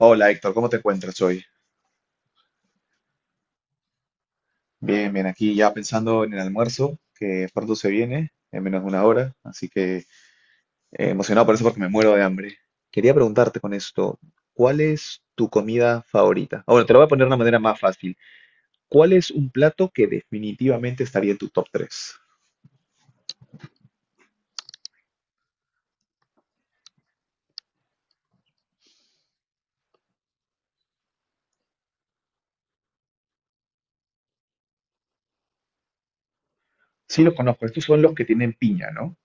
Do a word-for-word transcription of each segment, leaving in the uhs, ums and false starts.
Hola Héctor, ¿cómo te encuentras hoy? Bien, bien, aquí ya pensando en el almuerzo que pronto se viene, en menos de una hora, así que eh, emocionado por eso porque me muero de hambre. Quería preguntarte con esto, ¿cuál es tu comida favorita? Ah, bueno, te lo voy a poner de una manera más fácil. ¿Cuál es un plato que definitivamente estaría en tu top tres? Sí, los conozco, estos son los que tienen piña, ¿no?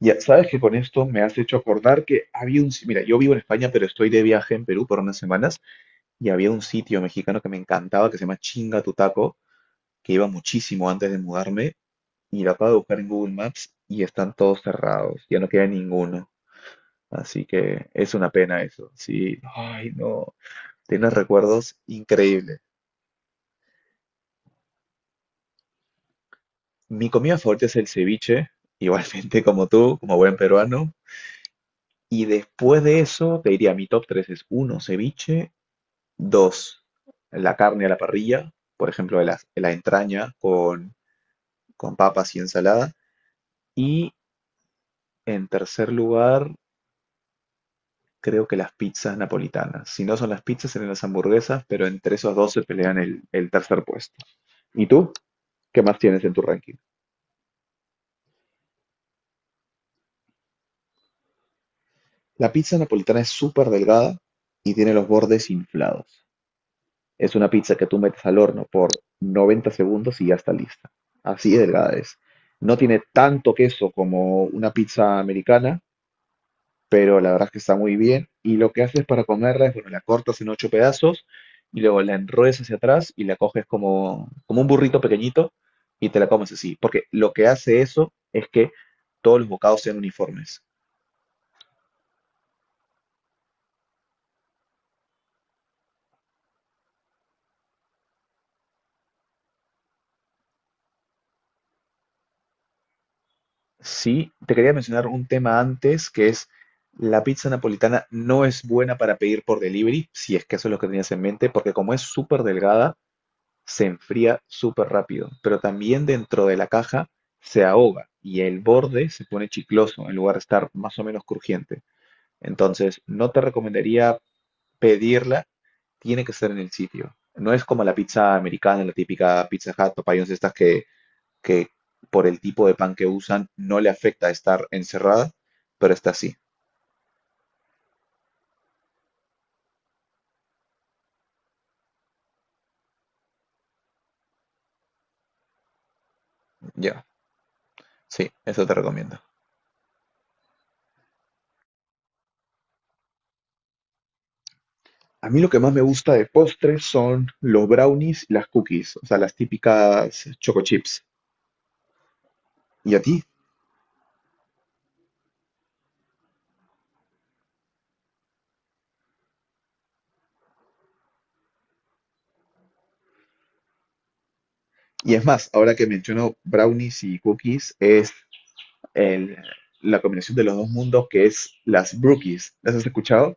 Ya sabes que con esto me has hecho acordar que había un... si- mira, yo vivo en España, pero estoy de viaje en Perú por unas semanas y había un sitio mexicano que me encantaba que se llama Chinga Tu Taco, que iba muchísimo antes de mudarme, y lo acabo de buscar en Google Maps y están todos cerrados, ya no queda ninguno. Así que es una pena eso. Sí, ay, no. Tienes recuerdos increíbles. Mi comida favorita es el ceviche, igualmente como tú, como buen peruano. Y después de eso, te diría, mi top tres es uno ceviche, dos la carne a la parrilla, por ejemplo, la, la entraña con, con, papas y ensalada. Y en tercer lugar, creo que las pizzas napolitanas. Si no son las pizzas, serán las hamburguesas, pero entre esos dos se pelean el, el tercer puesto. ¿Y tú? ¿Qué más tienes en tu ranking? La pizza napolitana es súper delgada y tiene los bordes inflados. Es una pizza que tú metes al horno por noventa segundos y ya está lista. Así de delgada es. No tiene tanto queso como una pizza americana, pero la verdad es que está muy bien. Y lo que haces para comerla es, bueno, la cortas en ocho pedazos y luego la enrollas hacia atrás y la coges como, como, un burrito pequeñito y te la comes así. Porque lo que hace eso es que todos los bocados sean uniformes. Sí, te quería mencionar un tema antes, que es la pizza napolitana no es buena para pedir por delivery, si es que eso es lo que tenías en mente, porque como es súper delgada, se enfría súper rápido, pero también dentro de la caja se ahoga y el borde se pone chicloso en lugar de estar más o menos crujiente. Entonces, no te recomendaría pedirla, tiene que ser en el sitio. No es como la pizza americana, la típica Pizza Hut, Popeyes, estas que, que por el tipo de pan que usan no le afecta estar encerrada, pero está así. Ya, sí, eso te recomiendo. A mí lo que más me gusta de postres son los brownies y las cookies, o sea, las típicas choco chips. ¿Y a ti? Y es más, ahora que menciono brownies y cookies, es el- la combinación de los dos mundos, que es las brookies. ¿Las has escuchado?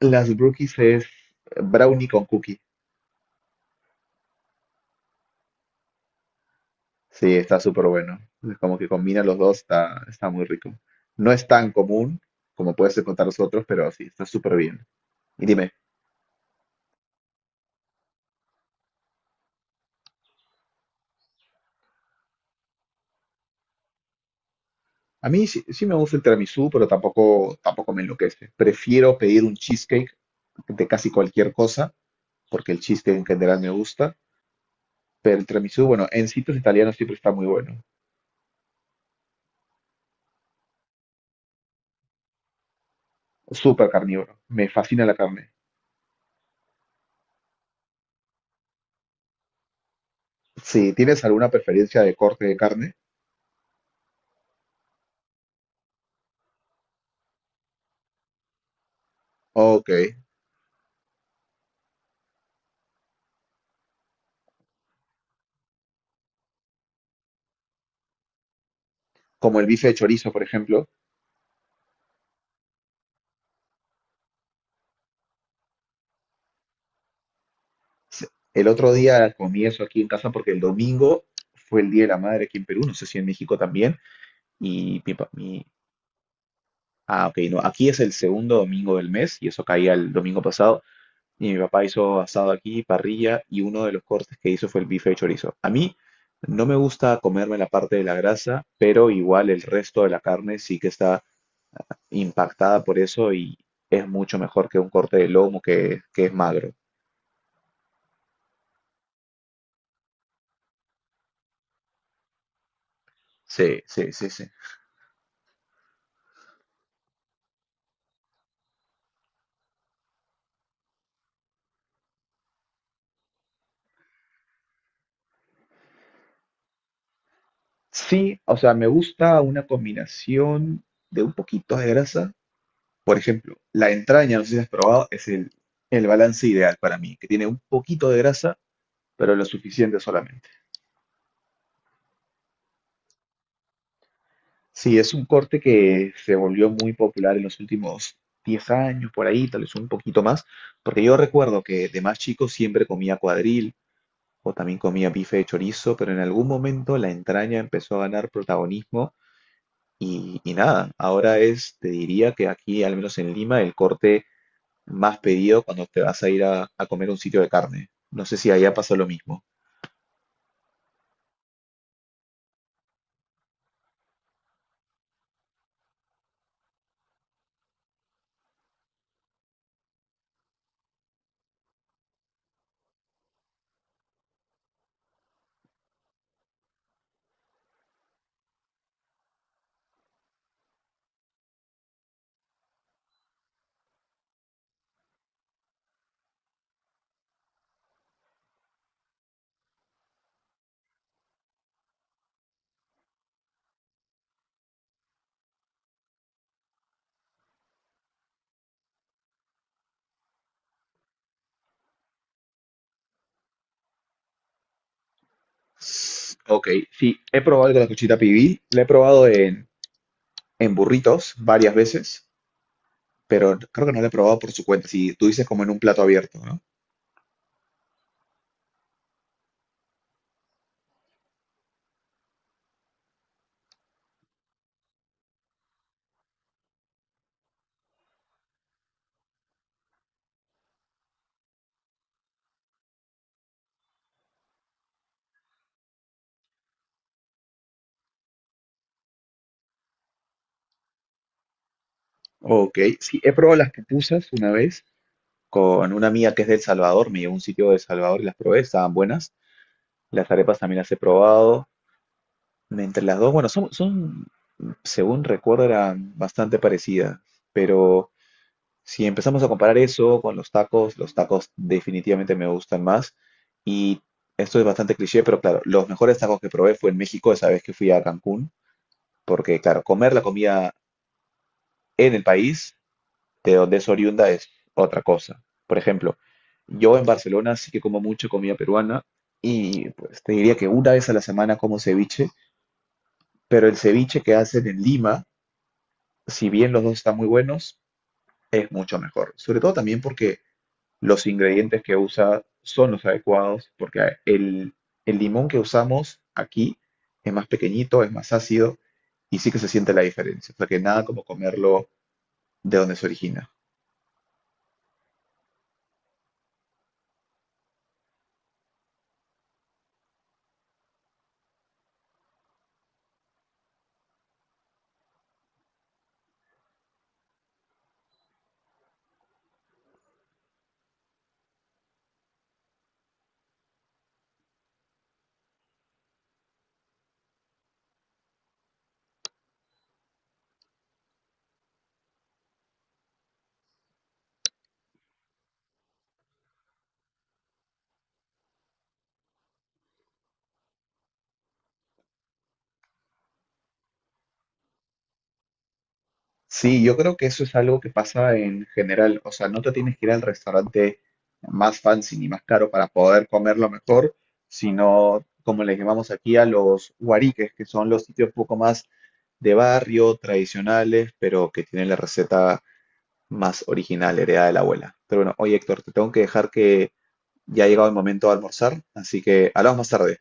Las brookies es brownie con cookie. Sí, está súper bueno. Es como que combina los dos, está, está muy rico. No es tan común como puedes encontrar los otros, pero sí, está súper bien. Y dime, a mí sí, sí me gusta el tiramisú, pero tampoco, tampoco me enloquece. Prefiero pedir un cheesecake de casi cualquier cosa, porque el cheesecake en general me gusta. Pero el tiramisú, bueno, en sitios italianos siempre está muy bueno. Súper carnívoro. Me fascina la carne. Si tienes alguna preferencia de corte de carne, ok. Como el bife de chorizo, por ejemplo. Se- El otro día comí eso aquí en casa porque el domingo fue el Día de la Madre aquí en Perú, no sé si en México también. Y mi, pa- mi- ah, ok, no, aquí es el segundo domingo del mes y eso caía el domingo pasado. Y mi papá hizo asado aquí, parrilla, y uno de los cortes que hizo fue el bife de chorizo. A mí no me gusta comerme la parte de la grasa, pero igual el resto de la carne sí que está impactada por eso y es mucho mejor que un corte de lomo, que, que es magro. Sí, sí, sí, sí. Sí, o sea, me gusta una combinación de un poquito de grasa. Por ejemplo, la entraña, no sé si has probado, es el, el, balance ideal para mí, que tiene un poquito de grasa, pero lo suficiente solamente. Sí, es un corte que se volvió muy popular en los últimos diez años, por ahí, tal vez un poquito más, porque yo recuerdo que de más chico siempre comía cuadril o también comía bife de chorizo, pero en algún momento la entraña empezó a ganar protagonismo y, y nada, ahora es, te diría que aquí, al menos en Lima, el corte más pedido cuando te vas a ir a, a comer a un sitio de carne. No sé si allá pasó lo mismo. Ok, sí, he probado el de la cochita pibil, la he probado en, en burritos varias veces. Pero creo que no la he probado por su cuenta. Si tú dices como en un plato abierto, ¿no? Ok, sí, he probado las pupusas una vez con una amiga que es de El Salvador, me llevó a un sitio de El Salvador y las probé, estaban buenas. Las arepas también las he probado. Entre las dos, bueno, son, son, según recuerdo, eran bastante parecidas, pero si empezamos a comparar eso con los tacos, los tacos definitivamente me gustan más. Y esto es bastante cliché, pero claro, los mejores tacos que probé fue en México esa vez que fui a Cancún, porque claro, comer la comida en el país de donde es oriunda es otra cosa. Por ejemplo, yo en Barcelona sí que como mucha comida peruana y pues te diría que una vez a la semana como ceviche, pero el ceviche que hacen en Lima, si bien los dos están muy buenos, es mucho mejor. Sobre todo también porque los ingredientes que usa son los adecuados, porque a- el, el limón que usamos aquí es más pequeñito, es más ácido y sí que se siente la diferencia. O sea que nada como comerlo de donde se origina. Sí, yo creo que eso es algo que pasa en general. O sea, no te tienes que ir al restaurante más fancy ni más caro para poder comer lo mejor, sino como le llamamos aquí a los huariques, que son los sitios un poco más de barrio, tradicionales, pero que tienen la receta más original, heredada de la abuela. Pero bueno, oye Héctor, te tengo que dejar, que ya ha llegado el momento de almorzar, así que hablamos más tarde.